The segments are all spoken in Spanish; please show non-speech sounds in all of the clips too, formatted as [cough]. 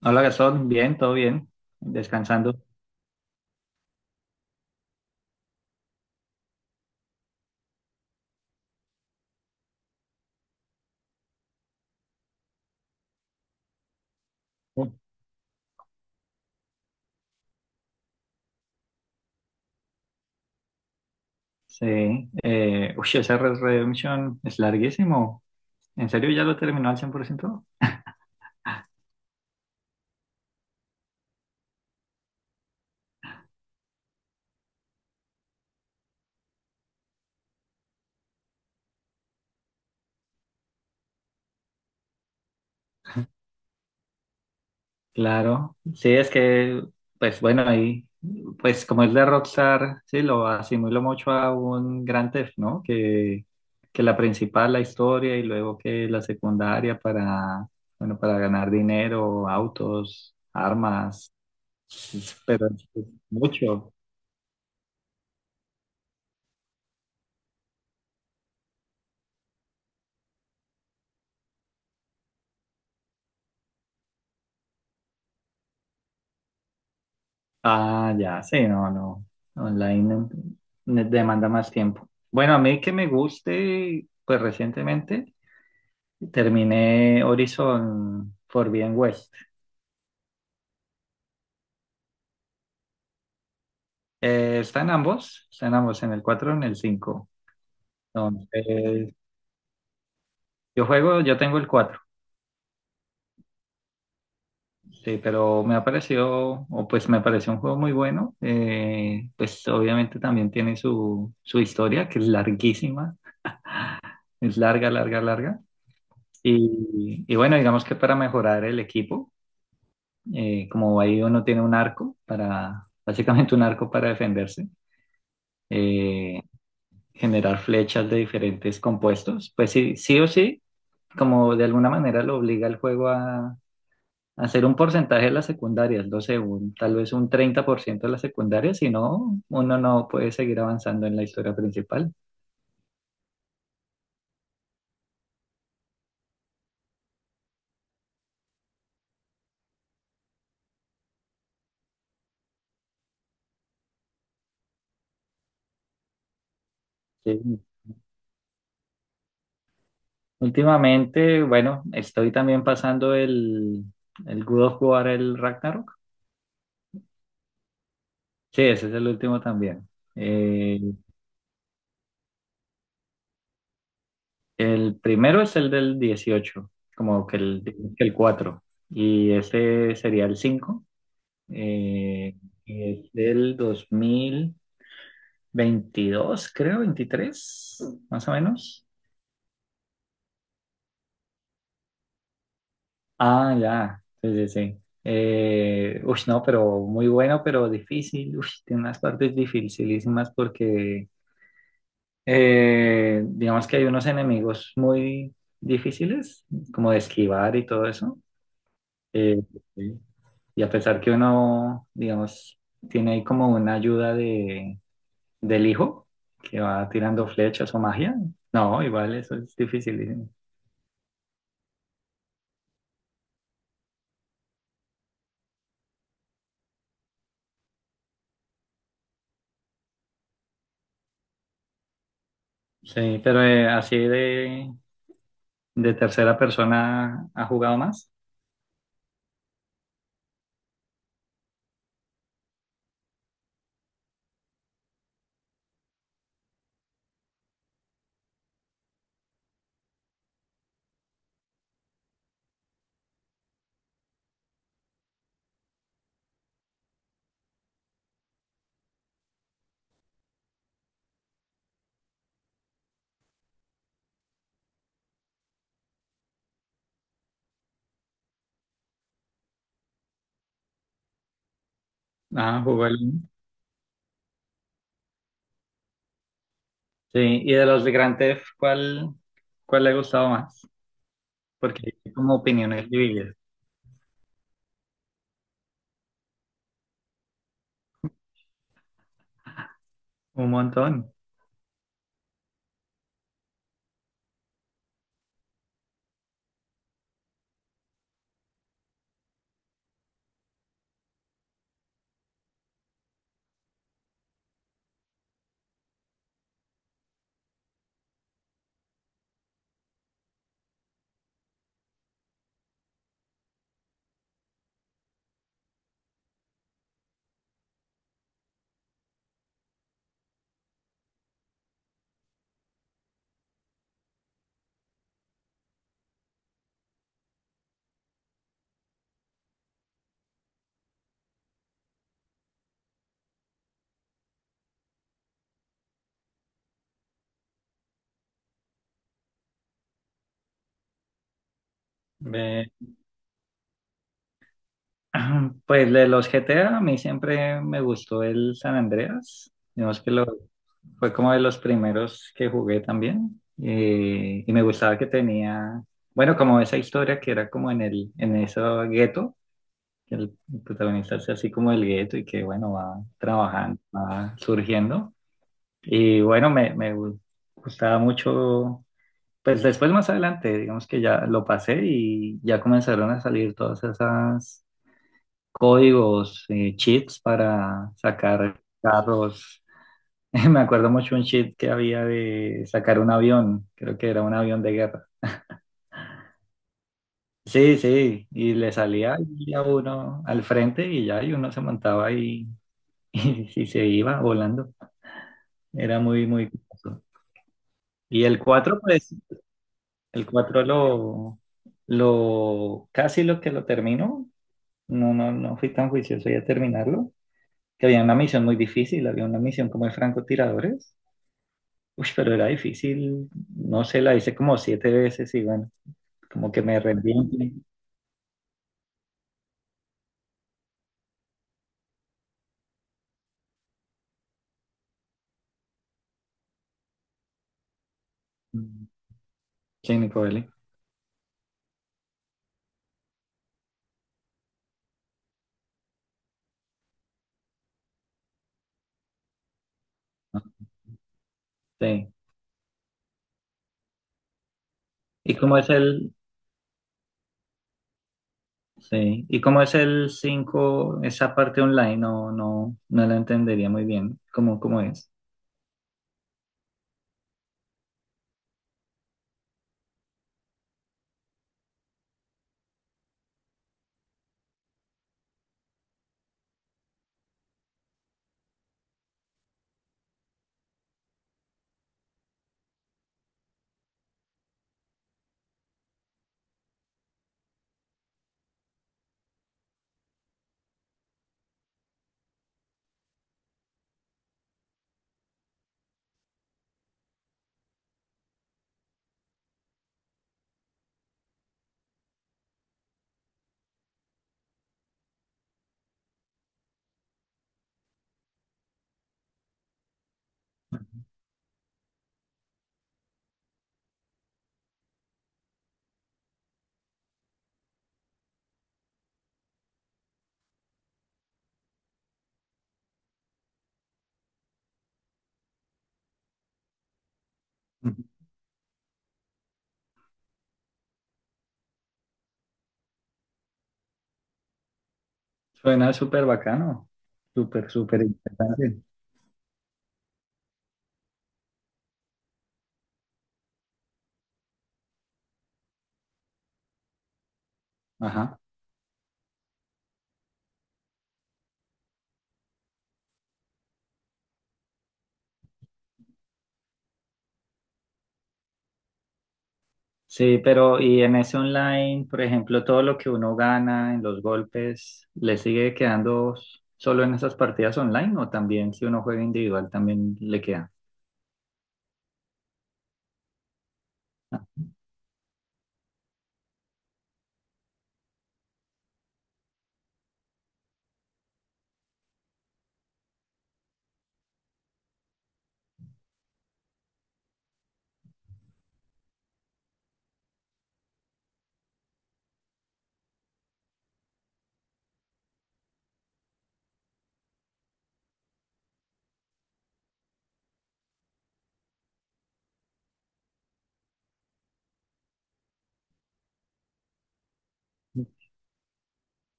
Hola, Gastón. Bien, todo bien. Descansando. Sí. Uy, ese Red Redemption es larguísimo. ¿En serio ya lo terminó al 100%? Claro. Sí, es que, pues bueno, ahí, pues como es de Rockstar, sí, lo asimilo mucho a un Grand Theft, ¿no? Que la principal, la historia, y luego que la secundaria para, bueno, para ganar dinero, autos, armas, pero es mucho. Ah, ya, sí, no, no. Online demanda más tiempo. Bueno, a mí que me guste, pues recientemente terminé Horizon Forbidden West. Están ambos, están ambos en el 4 y en el 5. Entonces, yo tengo el 4. Sí, pero me ha parecido, o pues me pareció un juego muy bueno. Pues obviamente también tiene su historia, que es larguísima, es larga, larga, larga. Y bueno, digamos que para mejorar el equipo, como ahí uno tiene un arco básicamente un arco para defenderse, eh, generar flechas de diferentes compuestos, pues sí, sí o sí, como de alguna manera lo obliga el juego a hacer un porcentaje de las secundarias, no sé, tal vez un 30% de las secundarias. Si no, uno no puede seguir avanzando en la historia principal. Sí. Últimamente, bueno, estoy también pasando el God of War, el Ragnarok. Sí, ese es el último también. Eh, el primero es el del 18, como que el, digamos que el 4 y ese sería el cinco, eh, y es del 2022, creo, 23, más o menos. Ah, ya, sí, sí, sí. Uy, no, pero muy bueno, pero difícil. Uy, tiene unas partes dificilísimas porque digamos que hay unos enemigos muy difíciles, como de esquivar y todo eso. Eh. Sí. Y a pesar que uno, digamos, tiene ahí como una ayuda de, del hijo que va tirando flechas o magia, no, igual eso es difícil. Sí, pero así de tercera persona ha jugado más. Ah, jugó el uno. Sí, y de los de Grand Theft, cuál le ha gustado más? Porque hay como opiniones divididas, un montón. Ve. [clears throat] Pues de los GTA, a mí siempre me gustó el San Andreas. Digamos que lo, fue como de los primeros que jugué también. Y me gustaba que tenía, bueno, como esa historia que era como en en ese gueto, que el protagonista es así como el gueto y que, bueno, va trabajando, va surgiendo. Y bueno, me gustaba mucho. Pues después más adelante, digamos que ya lo pasé y ya comenzaron a salir todas esas códigos, cheats para sacar carros. [laughs] Me acuerdo mucho un cheat que había de sacar un avión, creo que era un avión de guerra. Sí, sí, y le salía ahí a uno al frente y ya, y uno se montaba y, [laughs] y se iba volando. Era muy, muy curioso. Y el 4 pues, el 4 casi lo que lo terminó. No, no, no fui tan juicioso ya terminarlo. Que había una misión muy difícil, había una misión como de francotiradores. Uy, pero era difícil, no sé, la hice como siete veces y bueno, como que me rendí. Sí, Nicole. Sí. ¿Y cómo es sí, y cómo es el cinco, esa parte online? No, no, no la entendería muy bien. ¿Cómo, cómo es? Ujú. Suena súper bacano, súper, súper interesante. Ajá. Sí, pero y en ese online, por ejemplo, todo lo que uno gana en los golpes, ¿le sigue quedando solo en esas partidas online, o también si uno juega individual también le queda? Ah,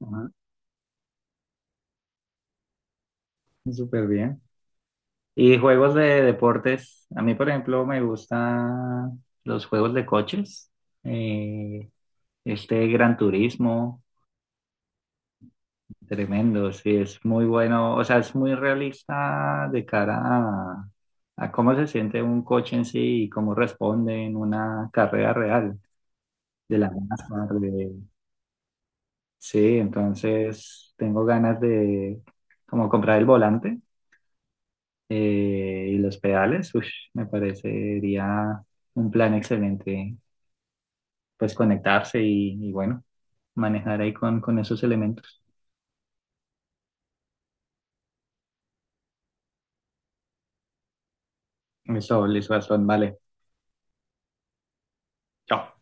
ajá, súper bien. Y juegos de deportes, a mí por ejemplo me gustan los juegos de coches, eh, este Gran Turismo. Tremendo, sí, es muy bueno, o sea, es muy realista de cara a cómo se siente un coche en sí y cómo responde en una carrera real de la masa. De- sí, entonces tengo ganas de como comprar el volante, y los pedales, ush, me parecería un plan excelente, pues conectarse y bueno, manejar ahí con esos elementos. Eso, listo, Gastón, vale. Chao.